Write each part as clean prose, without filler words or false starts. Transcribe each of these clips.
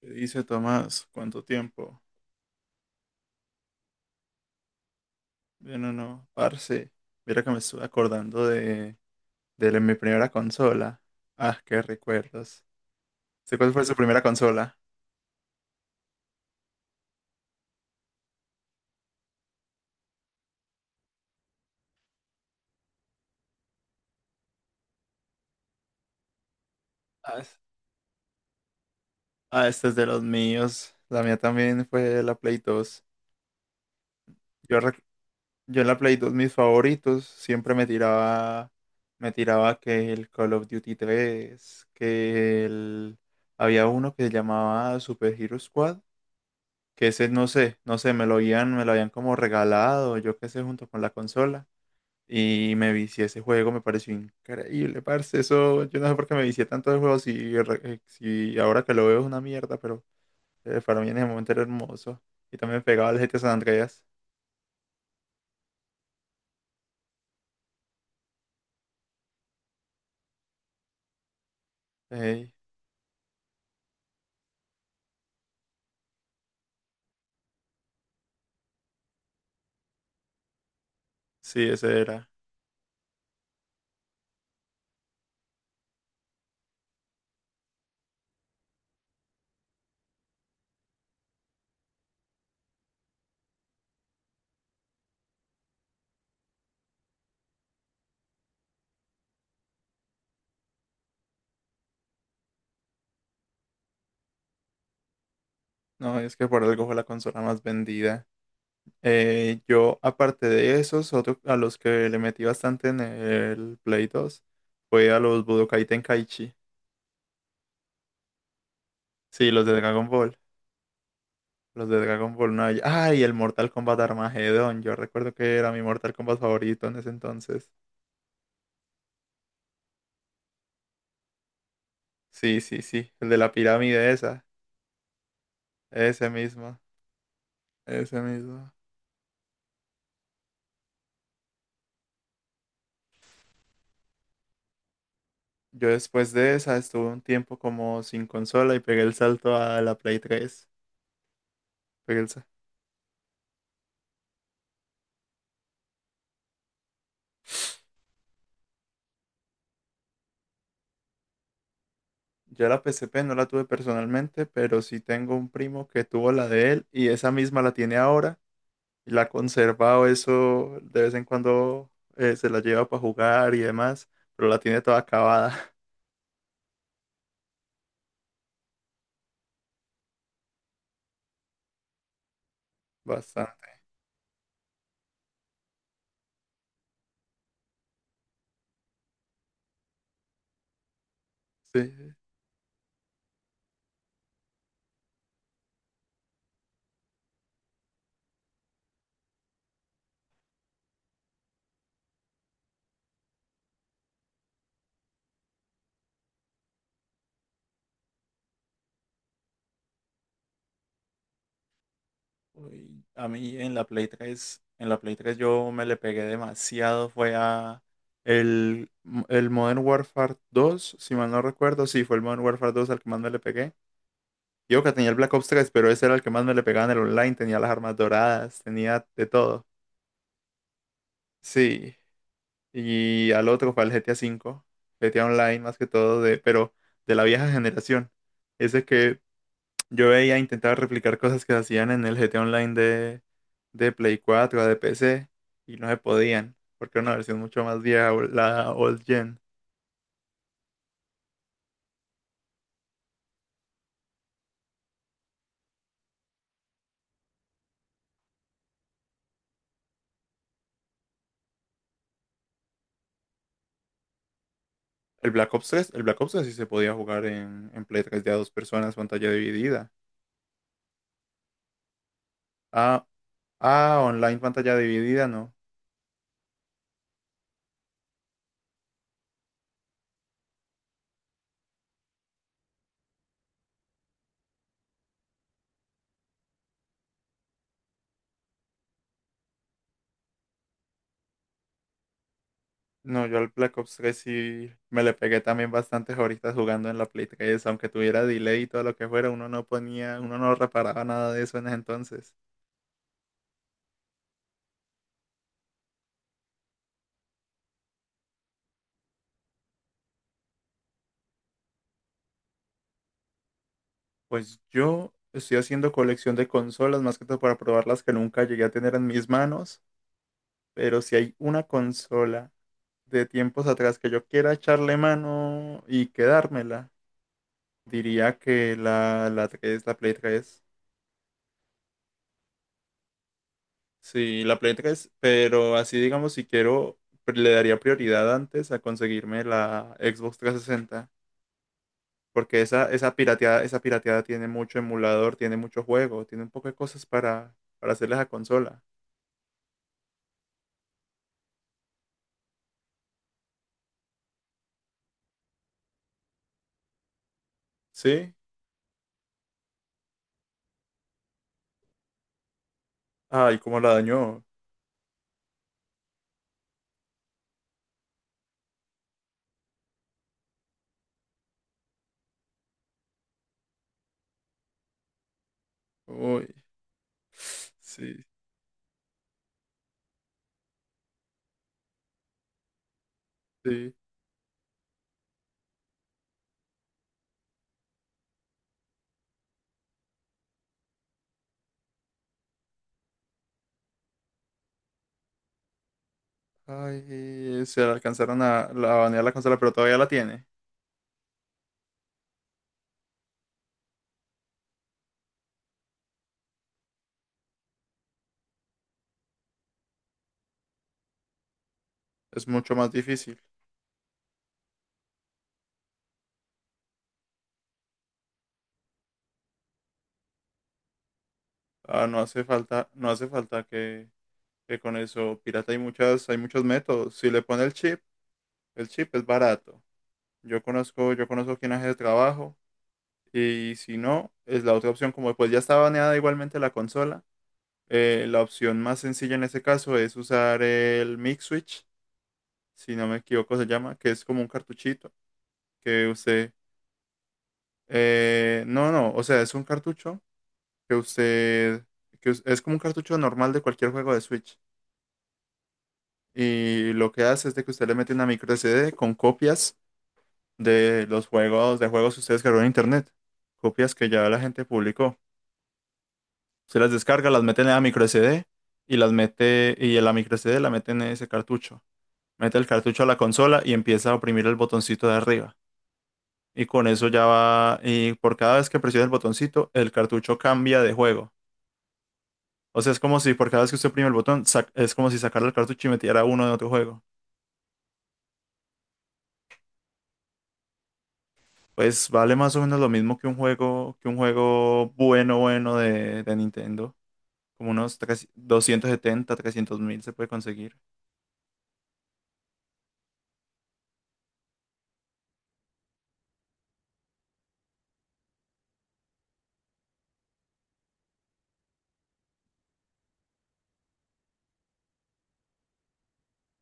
¿Qué dice Tomás? ¿Cuánto tiempo? Bien o no, parce. Mira que me estuve acordando de mi primera consola. Ah, qué recuerdos. ¿Sé cuál fue su primera consola? Ah, es- ah, esta es de los míos. La mía también fue la Play 2. Yo, rec- yo en la Play 2 mis favoritos siempre me tiraba que el Call of Duty 3, había uno que se llamaba Super Hero Squad, que ese no sé, no sé, me lo habían como regalado, yo qué sé, junto con la consola. Y me vicié ese juego, me pareció increíble, parce. Eso, yo no sé por qué me vicié tanto de juego, si ahora que lo veo es una mierda, pero para mí en ese momento era hermoso. Y también pegaba al GTA San Andreas. Ey, sí, ese era. No, es que por algo fue la consola más vendida. Yo, aparte de esos, otro a los que le metí bastante en el Play 2 fue a los Budokai Tenkaichi. Sí, los de Dragon Ball. Los de Dragon Ball no Ay, el Mortal Kombat Armageddon. Yo recuerdo que era mi Mortal Kombat favorito en ese entonces. Sí, sí, sí. El de la pirámide esa. Ese mismo. Ese mismo. Yo después de esa estuve un tiempo como sin consola y pegué el salto a la Play tres. Pegué el sa- Yo la P S P no la tuve personalmente, pero sí tengo un primo que tuvo la de él y esa misma la tiene ahora. Y la ha conservado. Eso de vez en cuando, se la lleva para jugar y demás, pero la tiene toda acabada. Bastante, sí. Uy, a mí en la Play tres yo me le pegué demasiado, fue a el, el Modern Warfare dos, si mal no recuerdo, sí, fue el Modern Warfare dos al que más me le pegué. Yo que tenía el Black Ops tres, pero ese era el que más me le pegaba en el online, tenía las armas doradas, tenía de todo. Sí, y al otro fue el GTA 5, GTA Online más que todo, pero de la vieja generación. Ese que Yo veía, intentaba replicar cosas que se hacían en el GT Online de Play 4 o de PC, y no se podían, porque era una versión mucho más vieja, la old gen. El Black Ops 3 sí se podía jugar en Play 3 de a dos personas, pantalla dividida. Ah, ah, online pantalla dividida, no. No, yo al Black Ops 3 sí me le pegué también bastantes horitas jugando en la Play 3, aunque tuviera delay y todo lo que fuera, uno no reparaba nada de eso en ese entonces. Pues yo estoy haciendo colección de consolas, más que todo para probar las que nunca llegué a tener en mis manos, pero si hay una consola de tiempos atrás que yo quiera echarle mano y quedármela, diría que la 3, la Play 3. Sí, la Play 3, pero así digamos, si quiero, le daría prioridad antes a conseguirme la Xbox 360, porque esa pirateada tiene mucho emulador, tiene mucho juego, tiene un poco de cosas para hacerle a esa consola. Sí. Ay, cómo la dañó. Uy, sí, sí. Ay, se la alcanzaron a la a banear la consola, pero todavía la tiene. Es mucho más difícil. Ah, no hace falta, no hace falta que con eso pirata hay muchas, hay muchos métodos. Si le pone el chip es barato. Yo conozco quién hace el trabajo, y si no, es la otra opción. Como pues ya está baneada igualmente la consola, la opción más sencilla en ese caso es usar el Mix Switch, si no me equivoco se llama, que es como un cartuchito. que usted, no, no, o sea, es un cartucho que usted, que us- es como un cartucho normal de cualquier juego de Switch. Y lo que hace es de que usted le mete una micro SD con copias de juegos que usted descargó en internet, copias que ya la gente publicó. Se las descarga, las mete en la micro SD, y en la micro SD la mete en ese cartucho. Mete el cartucho a la consola y empieza a oprimir el botoncito de arriba. Y con eso ya va, y por cada vez que presiona el botoncito, el cartucho cambia de juego. O sea, es como si por cada vez que usted oprime el botón, es como si sacara el cartucho y metiera uno de otro juego. Pues vale más o menos lo mismo que un juego bueno, bueno de Nintendo. Como unos 270, 300 mil se puede conseguir.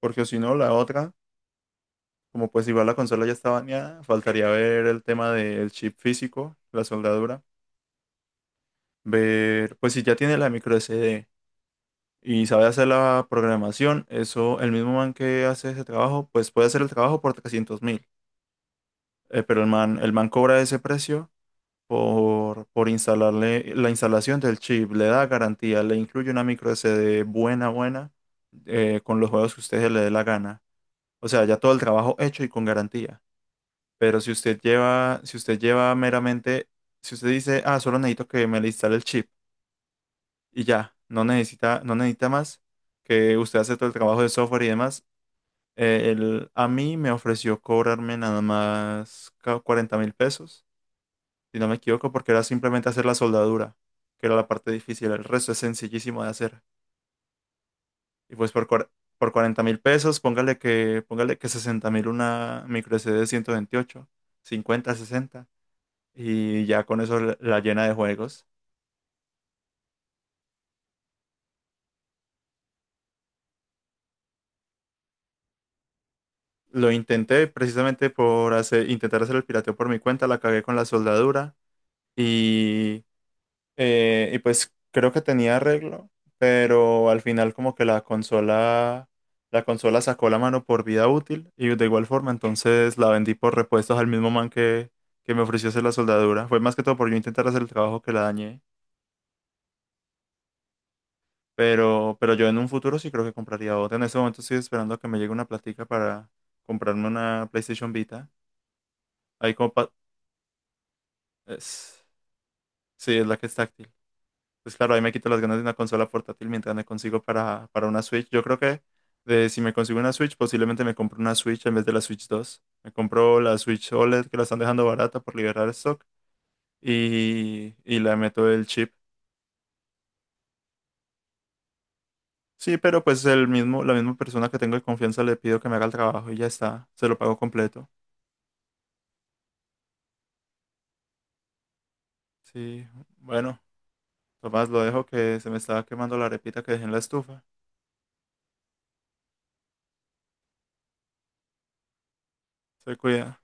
Porque si no, la otra, como pues igual la consola ya está baneada, faltaría ver el tema del chip físico, la soldadura. Ver, pues si ya tiene la micro SD y sabe hacer la programación, eso, el mismo man que hace ese trabajo, pues puede hacer el trabajo por 300 mil. Pero el man cobra ese precio por instalarle la instalación del chip, le da garantía, le incluye una micro SD buena, buena, con los juegos que usted le dé la gana. O sea, ya todo el trabajo hecho y con garantía. Pero si usted dice, ah, solo necesito que me le instale el chip y ya, no necesita más, que usted hace todo el trabajo de software y demás, él a mí me ofreció cobrarme nada más 40 mil pesos, si no me equivoco, porque era simplemente hacer la soldadura, que era la parte difícil, el resto es sencillísimo de hacer. Y pues por 40 mil pesos, póngale que 60 mil, una micro SD de 128, 50, 60, y ya con eso la llena de juegos. Lo intenté precisamente por hacer, intentar hacer el pirateo por mi cuenta, la cagué con la soldadura, y y pues creo que tenía arreglo, pero al final como que la consola sacó la mano por vida útil, y de igual forma entonces la vendí por repuestos al mismo man que me ofreció hacer la soldadura. Fue más que todo por yo intentar hacer el trabajo que la dañé, pero yo en un futuro sí creo que compraría otra. En este momento estoy esperando a que me llegue una platica para comprarme una PlayStation Vita. Ahí como pa- es- sí, es la que es táctil. Pues claro, ahí me quito las ganas de una consola portátil mientras me consigo para una Switch. Yo creo que si me consigo una Switch, posiblemente me compro una Switch en vez de la Switch 2. Me compro la Switch OLED que la están dejando barata por liberar stock, y le meto el chip. Sí, pero pues la misma persona que tengo de confianza le pido que me haga el trabajo y ya está, se lo pago completo. Sí, bueno, Tomás, lo dejo que se me estaba quemando la arepita que dejé en la estufa. Se cuida.